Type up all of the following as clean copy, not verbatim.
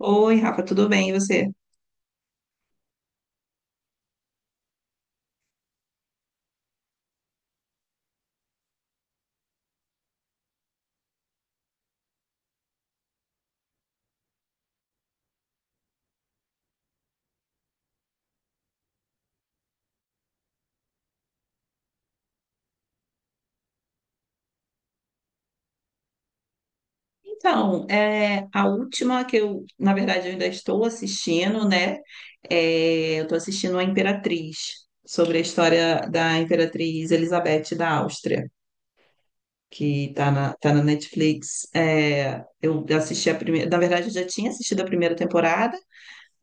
Oi, Rafa, tudo bem? E você? Então, a última que eu ainda estou assistindo, né? Eu estou assistindo a Imperatriz, sobre a história da Imperatriz Elizabeth da Áustria, que está tá na Netflix. Eu assisti a primeira, na verdade, eu já tinha assistido a primeira temporada,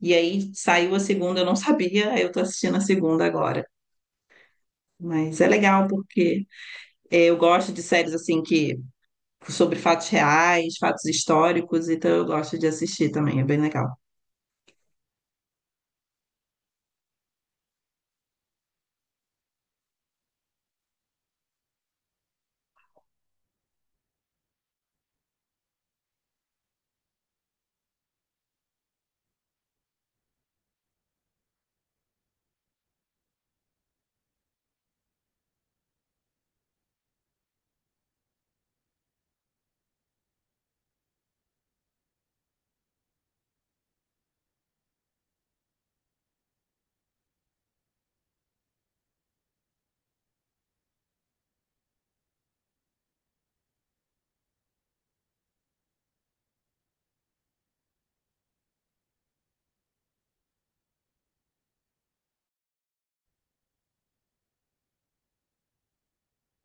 e aí saiu a segunda, eu não sabia, aí eu estou assistindo a segunda agora. Mas é legal porque eu gosto de séries assim que sobre fatos reais, fatos históricos, então eu gosto de assistir também, é bem legal.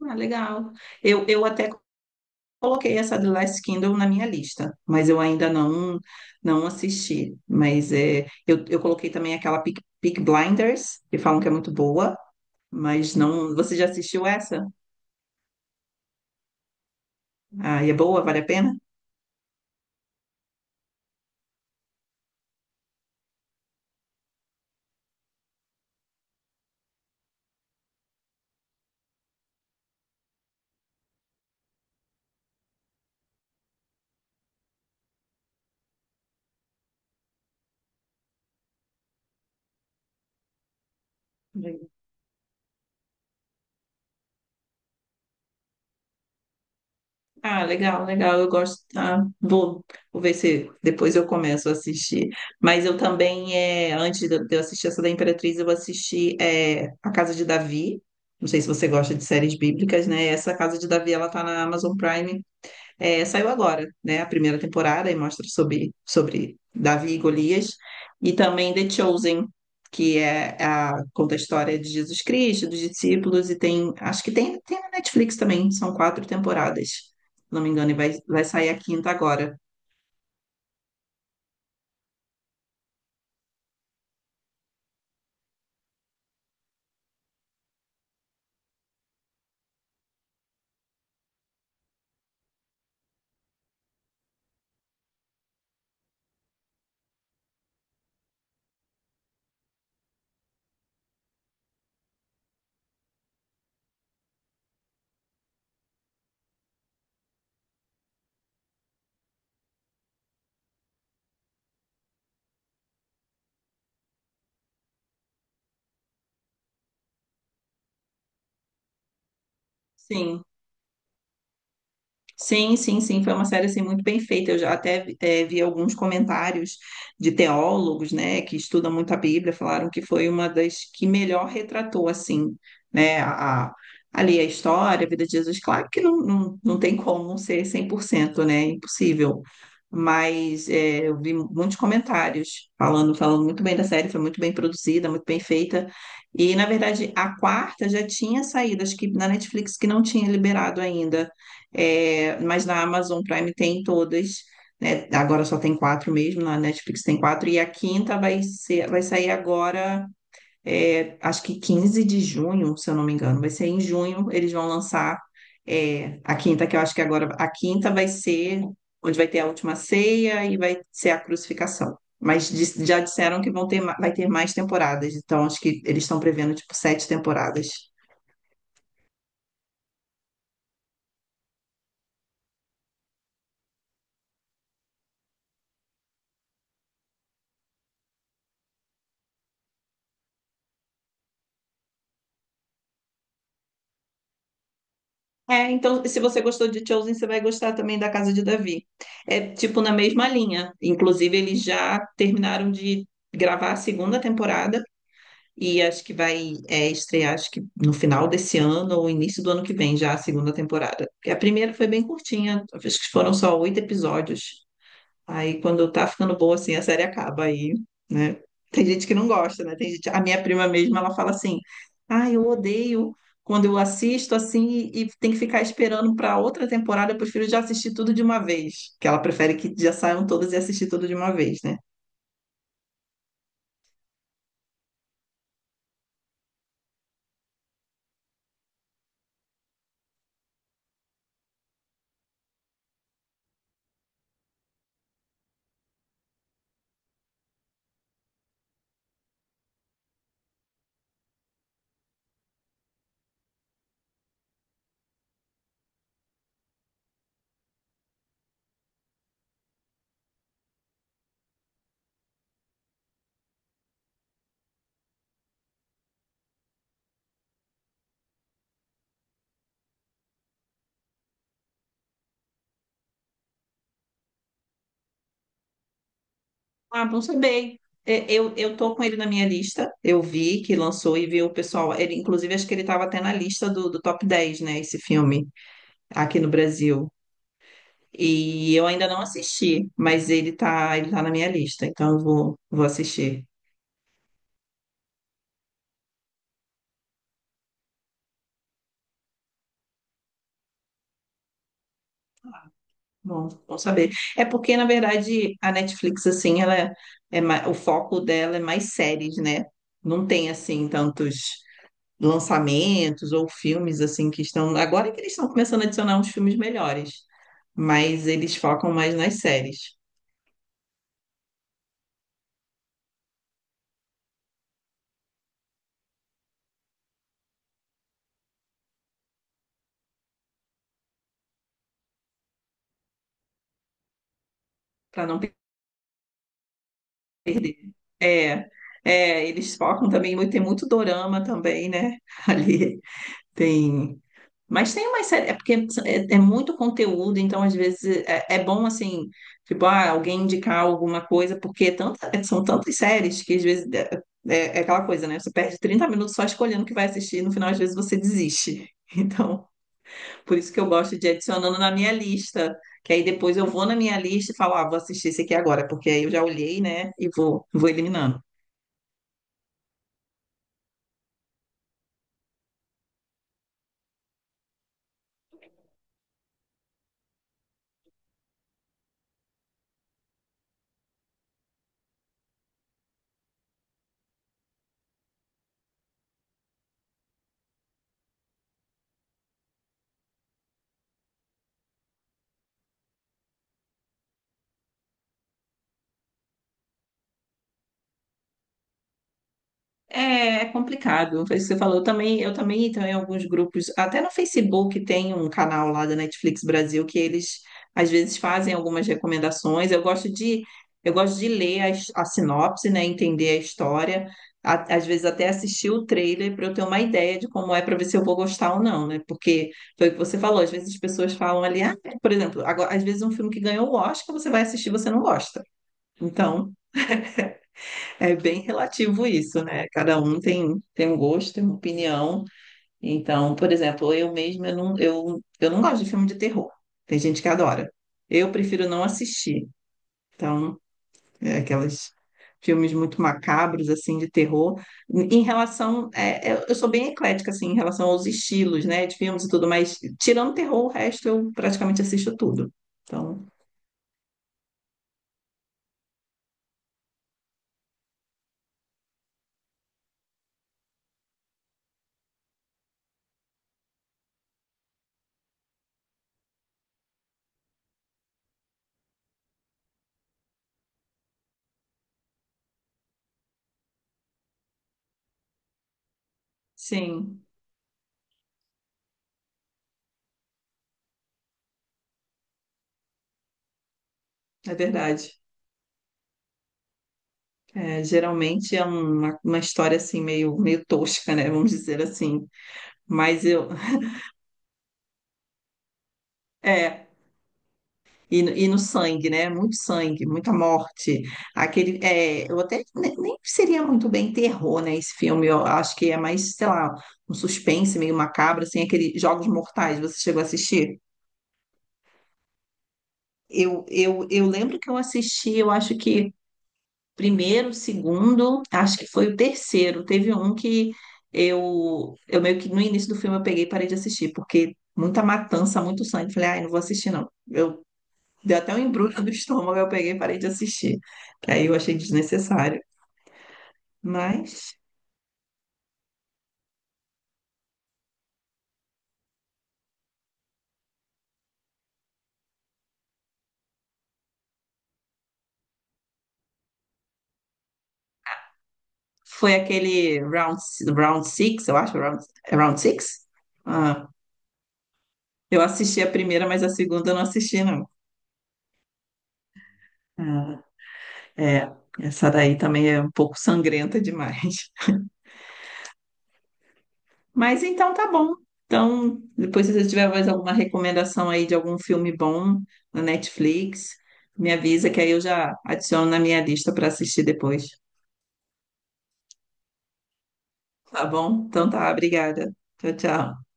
Ah, legal. Eu até coloquei essa The Last Kingdom na minha lista, mas eu ainda não assisti. Mas eu coloquei também aquela Peaky Blinders, que falam que é muito boa, mas não. Você já assistiu essa? Ah, e é boa? Vale a pena? Ah, legal, legal. Eu gosto. Tá? Vou ver se depois eu começo a assistir. Mas eu também, antes de eu assistir essa da Imperatriz, eu assisti A Casa de Davi. Não sei se você gosta de séries bíblicas, né? Essa Casa de Davi, ela tá na Amazon Prime. Saiu agora, né? A primeira temporada e mostra sobre Davi e Golias. E também The Chosen, que é conta a história de Jesus Cristo, dos discípulos, e tem, acho que tem na Netflix também, são quatro temporadas, se não me engano, e vai sair a quinta agora. Sim. Sim, sim, sim, foi uma série assim muito bem feita. Eu já até vi alguns comentários de teólogos, né, que estudam muito a Bíblia, falaram que foi uma das que melhor retratou assim, né, ali a história, a vida de Jesus. Claro que não tem como ser 100%, né, impossível. Mas eu vi muitos comentários falando, falando muito bem da série, foi muito bem produzida, muito bem feita. E na verdade a quarta já tinha saído, acho que na Netflix que não tinha liberado ainda. É, mas na Amazon Prime tem todas, né? Agora só tem quatro mesmo, na Netflix tem quatro, e a quinta vai ser, vai sair agora, acho que 15 de junho, se eu não me engano. Vai ser em junho, eles vão lançar a quinta, que eu acho que agora a quinta vai ser onde vai ter a última ceia e vai ser a crucificação. Mas já disseram que vão ter, vai ter mais temporadas, então acho que eles estão prevendo tipo sete temporadas. É, então, se você gostou de Chosen, você vai gostar também da Casa de Davi. É tipo na mesma linha. Inclusive, eles já terminaram de gravar a segunda temporada e acho que vai estrear, acho que no final desse ano ou início do ano que vem, já a segunda temporada. Porque a primeira foi bem curtinha, acho que foram só oito episódios. Aí quando tá ficando boa assim, a série acaba aí, né? Tem gente que não gosta, né? Tem gente, a minha prima mesmo, ela fala assim: "Ah, eu odeio quando eu assisto assim e tem que ficar esperando para outra temporada, eu prefiro já assistir tudo de uma vez", que ela prefere que já saiam todas e assistir tudo de uma vez, né? Ah, bom saber. Eu tô com ele na minha lista. Eu vi que lançou e vi o pessoal. Ele, inclusive, acho que ele estava até na lista do top 10, né? Esse filme aqui no Brasil. E eu ainda não assisti, mas ele tá na minha lista, então eu vou assistir. Bom, bom saber. É porque, na verdade, a Netflix, assim, ela é, é ma- o foco dela é mais séries, né? Não tem, assim, tantos lançamentos ou filmes, assim, que estão. Agora é que eles estão começando a adicionar uns filmes melhores, mas eles focam mais nas séries. Para não perder. É, eles focam também, tem muito dorama também, né? Ali tem. Mas tem uma série, é porque é muito conteúdo, então às vezes é bom assim, tipo, ah, alguém indicar alguma coisa, porque é são tantas séries que às vezes é- é aquela coisa, né? Você perde 30 minutos só escolhendo o que vai assistir, e no final às vezes você desiste. Então, por isso que eu gosto de ir adicionando na minha lista, que aí depois eu vou na minha lista e falo, ah, vou assistir esse aqui agora, porque aí eu já olhei, né, e vou eliminando. É, é complicado, foi isso que você falou. Eu também entro em alguns grupos, até no Facebook tem um canal lá da Netflix Brasil que eles às vezes fazem algumas recomendações. Eu gosto de ler a sinopse, né, entender a história, às vezes até assistir o trailer para eu ter uma ideia de como é para ver se eu vou gostar ou não, né? Porque foi o que você falou, às vezes as pessoas falam ali, ah, é, por exemplo, agora, às vezes um filme que ganhou o Oscar, você vai assistir, e você não gosta. Então, é bem relativo isso, né? Cada um tem, tem um gosto, tem uma opinião. Então, por exemplo, eu mesma eu não gosto de filme de terror. Tem gente que adora. Eu prefiro não assistir. Então, é aqueles filmes muito macabros, assim, de terror. Em relação. Eu sou bem eclética, assim, em relação aos estilos, né, de filmes e tudo, mas tirando terror, o resto eu praticamente assisto tudo. Então, sim, é verdade. É, geralmente é uma história assim meio, meio tosca, né? Vamos dizer assim. Mas eu é e, e no sangue, né? Muito sangue, muita morte. Aquele eu até nem seria muito bem terror, né? Esse filme eu acho que é mais, sei lá, um suspense meio macabro, assim, aquele Jogos Mortais. Você chegou a assistir? Eu lembro que eu assisti, eu acho que primeiro, segundo, acho que foi o terceiro. Teve um que eu meio que no início do filme eu peguei e parei de assistir, porque muita matança, muito sangue. Falei, ai, não vou assistir, não. Eu deu até um embrulho do estômago, eu peguei e parei de assistir. Aí eu achei desnecessário. Mas foi aquele round six, eu acho, é é round six? Ah, eu assisti a primeira, mas a segunda eu não assisti, não. Ah, é, essa daí também é um pouco sangrenta demais. Mas então tá bom. Então, depois se você tiver mais alguma recomendação aí de algum filme bom na Netflix, me avisa que aí eu já adiciono na minha lista para assistir depois. Tá bom? Então tá, obrigada. Tchau, tchau.